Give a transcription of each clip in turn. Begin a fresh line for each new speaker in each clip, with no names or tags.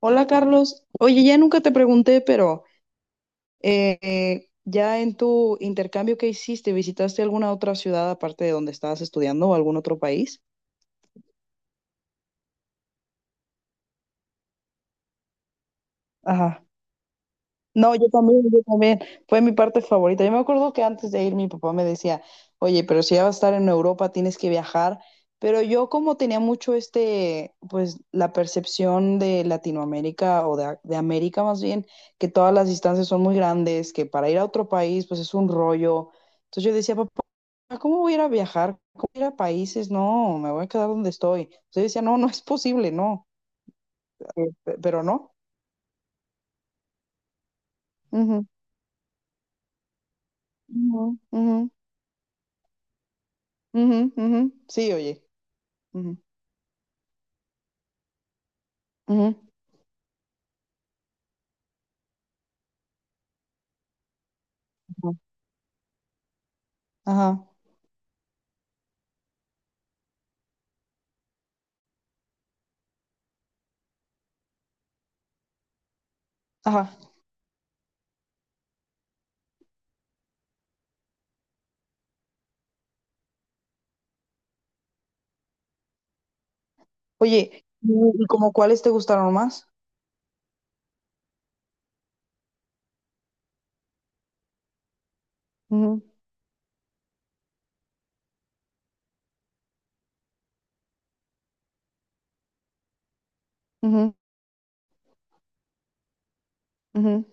Hola Carlos, oye, ya nunca te pregunté, pero ya en tu intercambio que hiciste, ¿visitaste alguna otra ciudad aparte de donde estabas estudiando o algún otro país? Ajá. No, yo también, yo también. Fue mi parte favorita. Yo me acuerdo que antes de ir mi papá me decía, oye, pero si ya vas a estar en Europa, tienes que viajar. Pero yo como tenía mucho este, pues la percepción de Latinoamérica o de América más bien, que todas las distancias son muy grandes, que para ir a otro país, pues es un rollo. Entonces yo decía, papá, ¿cómo voy a ir a viajar? ¿Cómo voy a ir a países? No, me voy a quedar donde estoy. Entonces yo decía, no, no es posible, no. Pero no. Ujú, ujú, ujú. Ujú, ujú. Sí, oye. Ujú, ujú, ujú. Ajá, ajá. Oye, ¿y como cuáles te gustaron más? Ujú, ujú, ujú,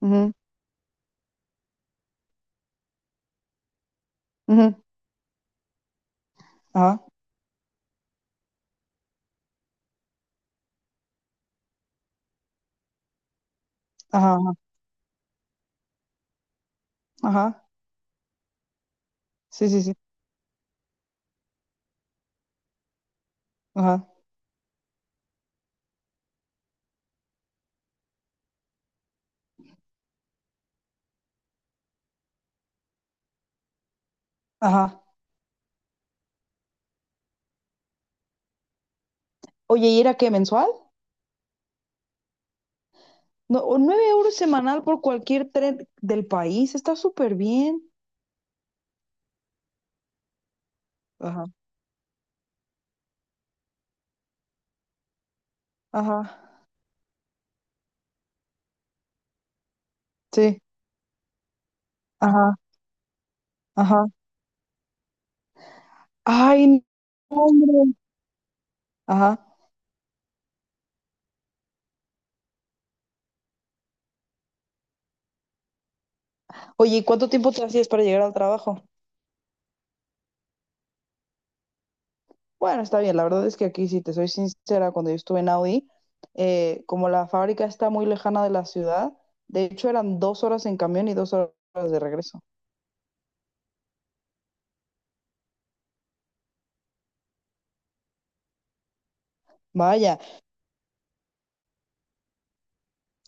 ujú, ujú. Ajá, ajá, ajá. Sí, sí, sí. Ajá, ajá. Oye, ¿y era qué, mensual? No, o 9 euros semanal por cualquier tren del país. Está súper bien. Ajá, ajá. Sí, ajá, ajá. Ay, no, hombre. Ajá. Oye, ¿y cuánto tiempo te hacías para llegar al trabajo? Bueno, está bien, la verdad es que aquí, si te soy sincera, cuando yo estuve en Audi, como la fábrica está muy lejana de la ciudad, de hecho eran 2 horas en camión y 2 horas de regreso. Vaya,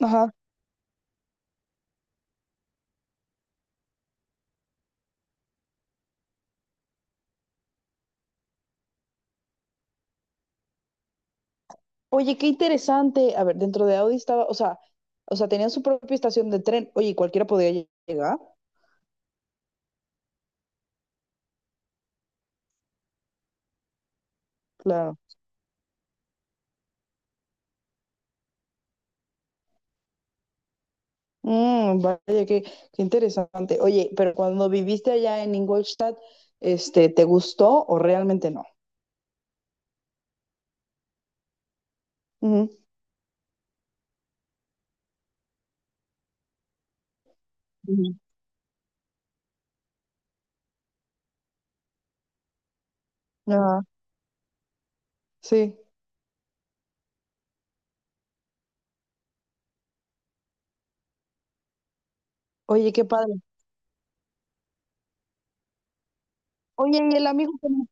ajá. Oye, qué interesante. A ver, dentro de Audi estaba, o sea, tenían su propia estación de tren. Oye, ¿y cualquiera podía llegar, claro. Mm, vaya, qué, qué interesante. Oye, pero cuando viviste allá en Ingolstadt, este, ¿te gustó o realmente no? Ujú. Ujú. Ajá, sí. Oye, qué padre. Oye, ¿y el amigo con,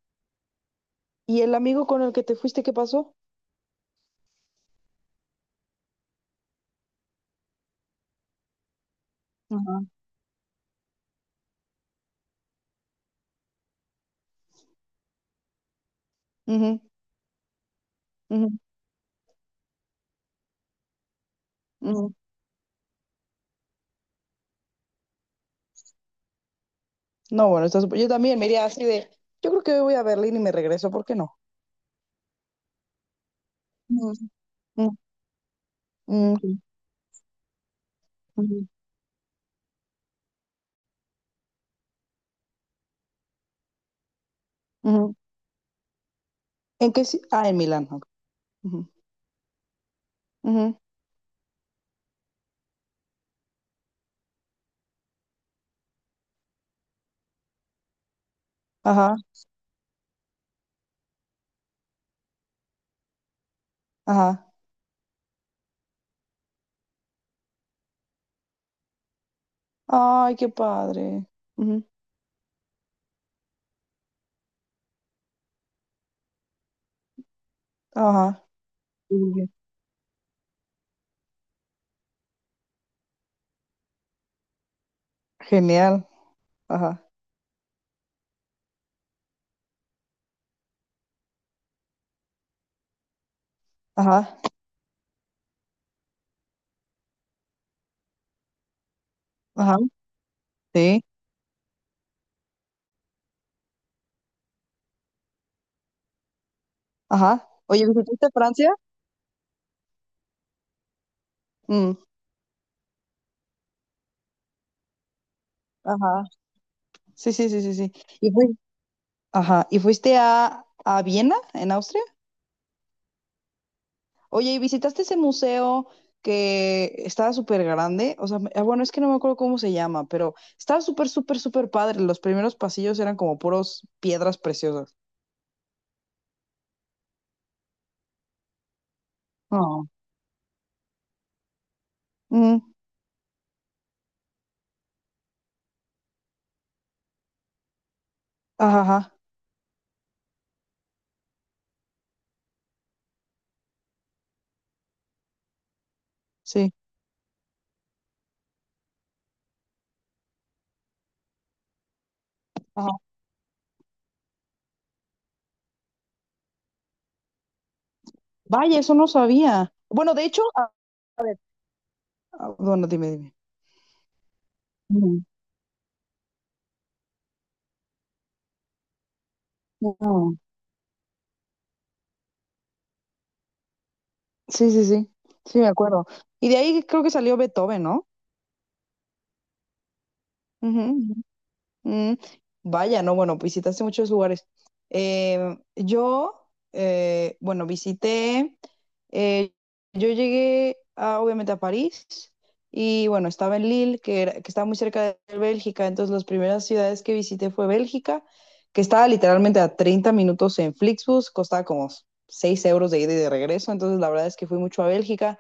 y el amigo con el que te fuiste, qué pasó? Ajá. Ujú, ujú, ujú. No, bueno, está súper- Yo también me iría así de, yo creo que hoy voy a Berlín y me regreso, ¿por qué no? Mm, Mm, mm, sí, ujú, ujú. ¿En qué? Ah, en Milán. Ok. Ujú, ujú. Ajá, ajá. Ay, qué padre. Ujú, Ajá. Sí. Genial. Ajá, ajá, ajá, sí, ajá. Oye, ¿visitaste Francia? Mm, ajá. Sí, sí, sí, sí, sí. Y fuiste Ajá. ¿Y fuiste a Viena, en Austria? Oye, ¿y visitaste ese museo que estaba súper grande? O sea, me- ah, bueno, es que no me acuerdo cómo se llama, pero estaba súper, súper, súper padre. Los primeros pasillos eran como puros piedras preciosas. Oh. Mm, ajá, ajá, sí. Ajá. Vaya, eso no sabía. Bueno, de hecho, ah, ah, bueno, dime, dime. Mm, no. Sí, sí, sí. Sí, me acuerdo. Y de ahí creo que salió Beethoven, no. Ujú. Mm, vaya, no, bueno, visitaste muchos lugares. Eh, yo, bueno, visité, eh, yo llegué a, obviamente a París y bueno, estaba en Lille, que, que está muy cerca de Bélgica, entonces las primeras ciudades que visité fue Bélgica, que estaba literalmente a 30 minutos en Flixbus, costaba como 6 euros de ida y de regreso, entonces la verdad es que fui mucho a Bélgica,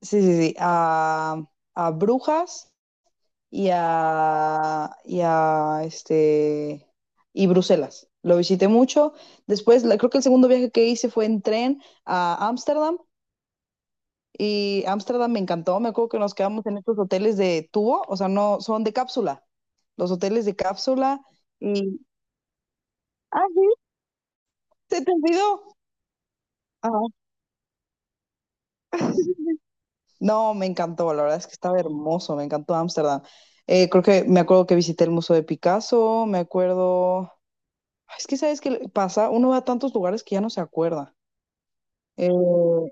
sí, sí, sí, a Brujas y a y Bruselas. Lo visité mucho. Después, creo que el segundo viaje que hice fue en tren a Ámsterdam y Ámsterdam me encantó. Me acuerdo que nos quedamos en estos hoteles de tubo, o sea, no son de cápsula, los hoteles de cápsula y ah, sí, se te olvidó. Ajá. No, me encantó, la verdad es que estaba hermoso, me encantó Ámsterdam. Creo que me acuerdo que visité el Museo de Picasso, me acuerdo. Es que sabes que pasa, uno va a tantos lugares que ya no se acuerda. Eh,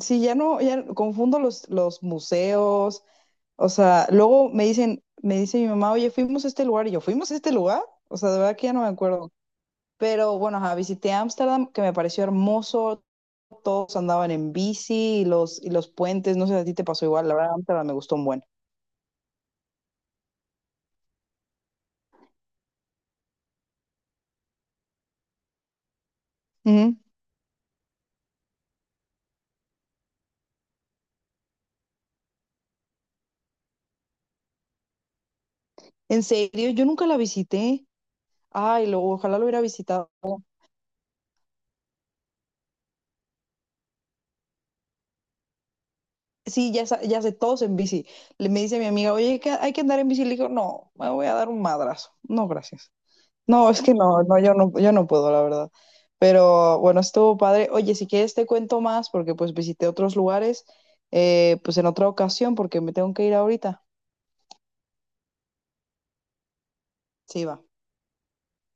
sí, ya no, ya confundo los museos. O sea, luego me dicen, me dice mi mamá, oye, fuimos a este lugar y yo, ¿fuimos a este lugar? O sea, de verdad que ya no me acuerdo. Pero bueno, ajá, visité Ámsterdam, que me pareció hermoso, todos andaban en bici y los puentes, no sé si a ti te pasó igual, la verdad, Ámsterdam me gustó un buen. Ujú. En serio, yo nunca la visité. Ay, lo, ojalá lo hubiera visitado. Sí, ya, ya sé, todos en bici. Le me dice mi amiga, oye, que hay que andar en bici. Le digo, no, me voy a dar un madrazo. No, gracias. No, es que no, no, yo no puedo, la verdad. Pero bueno, estuvo padre. Oye, si quieres te cuento más, porque pues visité otros lugares, pues en otra ocasión, porque me tengo que ir ahorita. Sí, va.